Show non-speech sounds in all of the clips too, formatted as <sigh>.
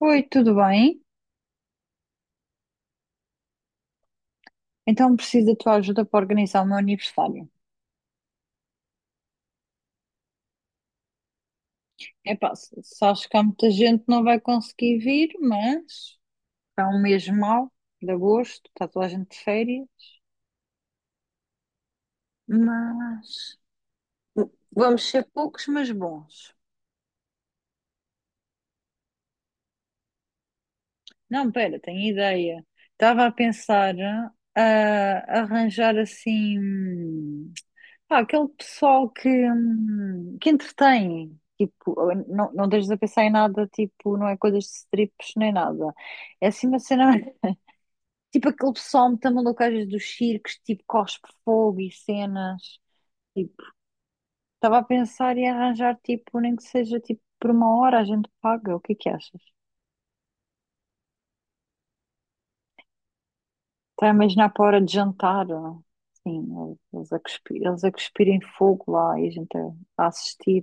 Oi, tudo bem? Então preciso da tua ajuda para organizar o meu aniversário. Epá, se acho que há muita gente que não vai conseguir vir, mas é um mês mau de agosto, está toda a gente de férias, mas vamos ser poucos, mas bons. Não, pera, tenho ideia. Estava a pensar a arranjar assim. Pá, aquele pessoal que entretém, tipo, não, não deixas a pensar em nada, tipo, não é coisas de strips nem nada. É assim uma cena, <laughs> tipo aquele pessoal muito maluco às vezes dos circos, tipo, cospe fogo e cenas. Tipo, estava a pensar em arranjar, tipo, nem que seja, tipo, por uma hora a gente paga, o que é que achas? Está a imaginar para a hora de jantar, sim, eles a cuspir, eles a cuspirem fogo lá e a gente a assistir.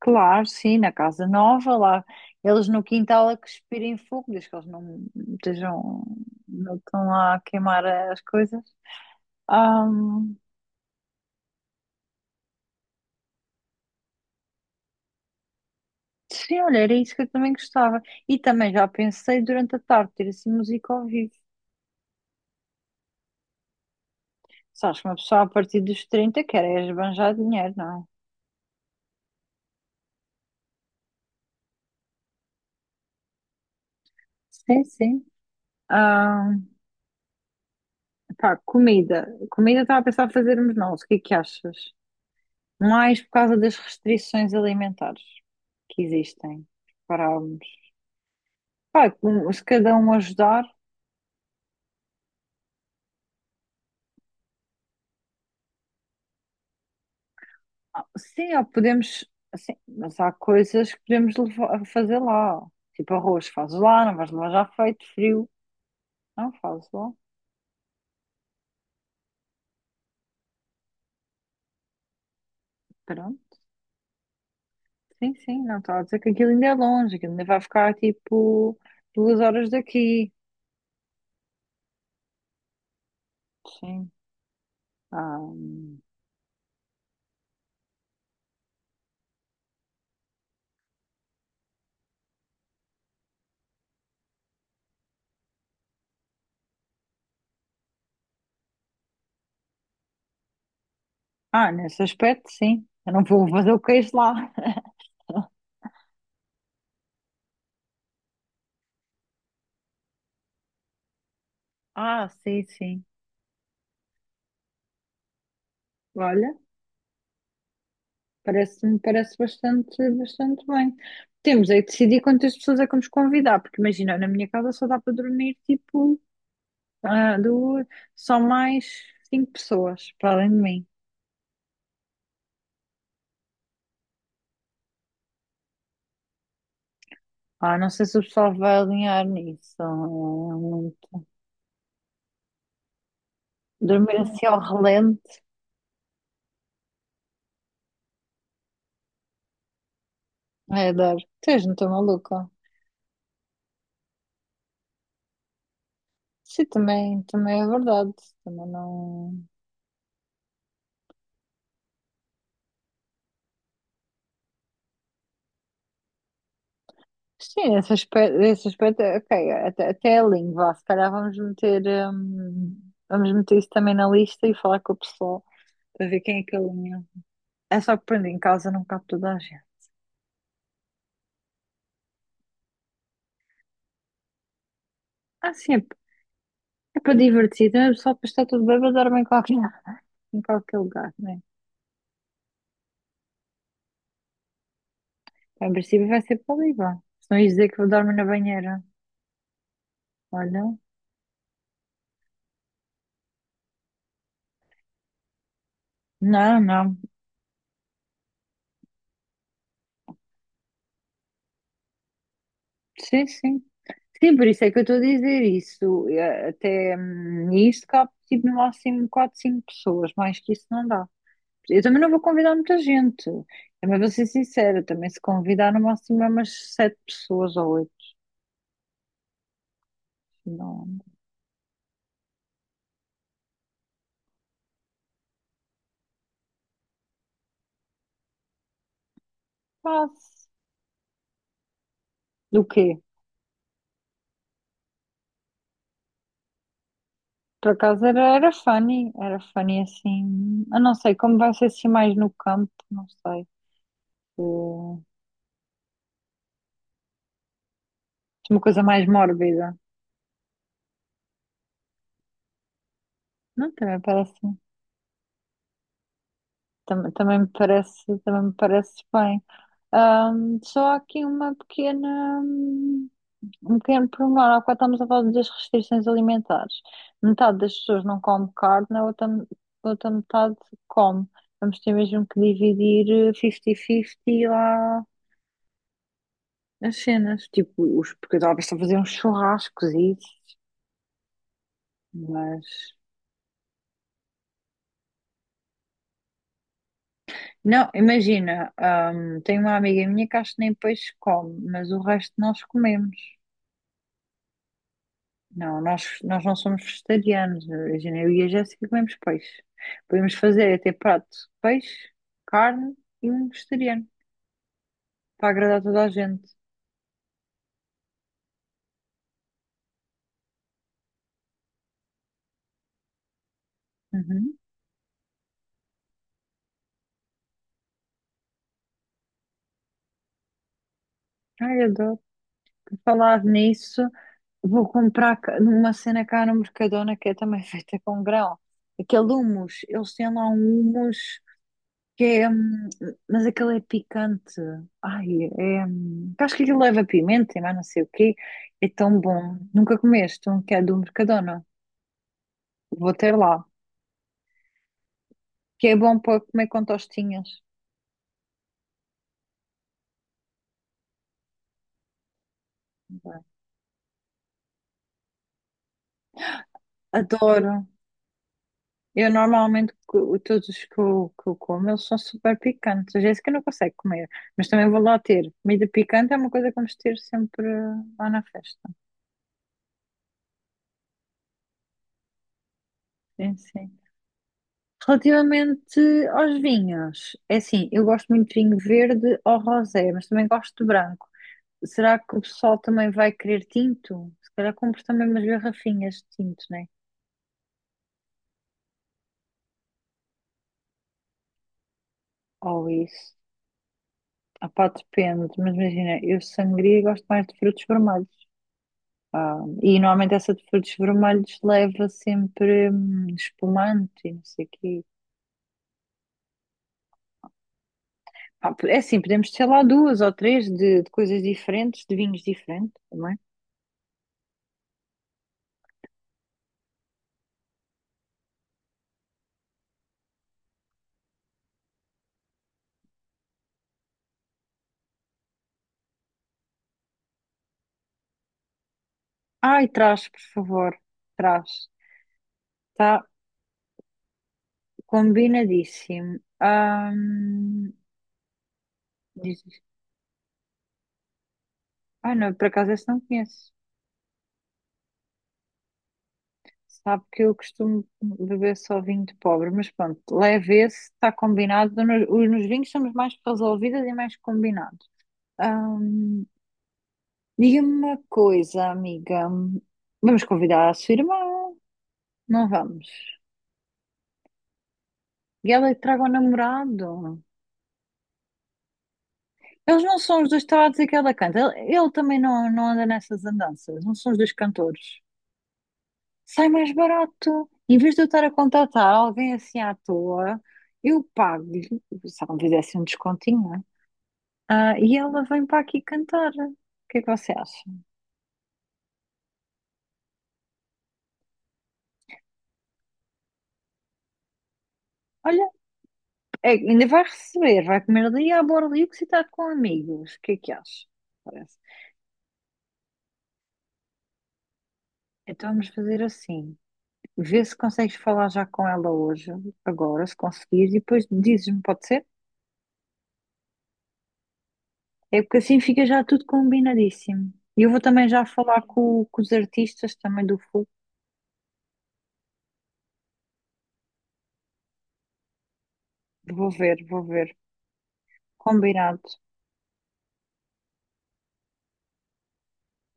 Claro, sim, na casa nova, lá eles no quintal a cuspirem fogo, desde que eles não estejam, não estão lá a queimar as coisas. Ahm, sim, olha, era isso que eu também gostava. E também já pensei durante a tarde ter assim música ao vivo. Sabes que uma pessoa a partir dos 30 quer é esbanjar dinheiro, não é? Sim, sim. ah Pá, comida. Comida estava a pensar fazermos nós, o que é que achas? Mais por causa das restrições alimentares que existem. Para, pá, se cada um ajudar, ah, sim, ou podemos, assim, mas há coisas que podemos levar, fazer lá. Tipo arroz, fazes lá, não vais levar já feito, frio. Não, fazes lá. Pronto. Sim, sim, não estou a dizer que aquilo ainda é longe, aquilo ainda vai ficar tipo 2 horas daqui. Sim. Ah, Ah, nesse aspecto, sim. Eu não vou fazer o queijo lá. <laughs> Ah, sim, sim. Olha. Parece-me, parece bastante, bastante bem. Temos aí de decidir quantas pessoas é que vamos convidar, porque imagina, na minha casa só dá para dormir tipo duas, só mais 5 pessoas para além de mim. Ah, não sei se o pessoal vai alinhar nisso. É muito- dormir assim ao relento, é dar. Tens, não estou maluca? Sim, também, também é verdade. Também não. Sim, esse aspecto, ok, até, até a lindo, vá, se calhar hum, vamos meter isso também na lista e falar com o pessoal para ver quem é que alinha. É só que pronto, em casa não cabe toda a gente. Ah, sim, é, é para divertir, não é só para estar tudo bem, mas dorme em qualquer, <laughs> em qualquer lugar, né? Em princípio vai ser para o Líbano. Se não ia dizer que eu dorme na banheira. Olha, não, não. Sim, sim. Sim, por isso é que eu estou a dizer isso. Eh, até isto cabe tipo, no máximo 4 5 pessoas, mais que isso não dá. Eu também não vou convidar muita gente. Também vou ser sincera, também se convidar no máximo é umas 7 pessoas ou oito. Não faço. Do quê? Por acaso era, era funny assim. Eu não sei como vai ser assim mais no campo, não sei. Eh, uma coisa mais mórbida. Não, também parece. Também me parece, também me parece bem. Só há aqui uma pequena, um pequeno pormenor, há bocado estamos a falar das restrições alimentares. Metade das pessoas não come carne, a outra metade come. Vamos ter mesmo que dividir 50-50 lá as cenas. Tipo, os, porque talvez estão a fazer uns churrascos e isso, mas... Não, imagina, tenho uma amiga minha que acho que nem peixe come, mas o resto nós comemos. Não, nós não somos vegetarianos. Imagina, eu e a Jéssica comemos peixe. Podemos fazer até prato de peixe, carne e um vegetariano, para agradar toda a gente. Uhum. Ai, eu adoro. Por falar nisso, vou comprar uma cena cá no Mercadona que é também <laughs> feita com grão. Aquele hummus, eles têm lá um hummus que é, mas aquele é picante. Ai, é, acho que aquilo leva pimenta e mais não sei o quê. É tão bom. Nunca comeste um que é do Mercadona? Vou ter lá. Que é bom para comer com tostinhas. Adoro. Eu normalmente, todos os que eu como, eles são super picantes. A Jéssica não consegue comer, mas também vou lá ter. Comida picante é uma coisa que vamos ter sempre lá na festa. Sim, sim. Relativamente aos vinhos, é assim, eu gosto muito de vinho verde ou rosé, mas também gosto de branco. Será que o pessoal também vai querer tinto? Se calhar compro também umas garrafinhas de tinto, né? Ou isso. Ah, pá, depende, mas imagina, eu sangria gosto mais de frutos vermelhos. Ah, e normalmente essa de frutos vermelhos leva sempre espumante e não sei o quê. Ah, é assim, podemos ter lá duas ou três de coisas diferentes, de vinhos diferentes também. Ai, traz, por favor, traz. Está combinadíssimo. Ah, diz, ah, não, por acaso esse não conheço. Sabe que eu costumo beber só vinho de pobre, mas pronto, leve esse, está combinado. Nos, nos vinhos somos mais resolvidas e mais combinados. Ahm, diga-me uma coisa, amiga. Vamos convidar a sua irmã? Não vamos. E ela é que traga o namorado. Eles não são os dois que estava a dizer que ela canta. Ele também não, não anda nessas andanças. Não são os dois cantores. Sai mais barato. Em vez de eu estar a contratar alguém assim à toa, eu pago-lhe. Se ela me fizesse um descontinho, ah, e ela vem para aqui cantar. O que é que você acha? Olha, é- ainda vai receber, vai comer ali à borda e está com amigos. O que é que acha? Parece. Então vamos fazer assim. Vê se consegues falar já com ela hoje, agora, se conseguires, e depois dizes-me, pode ser? É porque assim fica já tudo combinadíssimo. E eu vou também já falar com os artistas também do Fogo. Vou ver, vou ver. Combinado.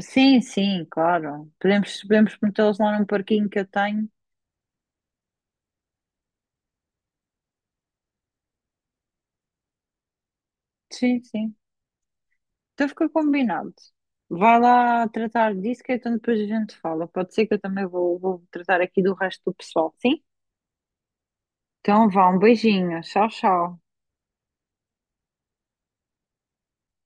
Sim, sim, claro. Podemos, podemos metê-los lá num parquinho que eu tenho. Sim, sim. Então fica combinado. Vai lá tratar disso, que então depois a gente fala. Pode ser que eu também vou, vou tratar aqui do resto do pessoal, sim? Então vá, um beijinho. Tchau, tchau.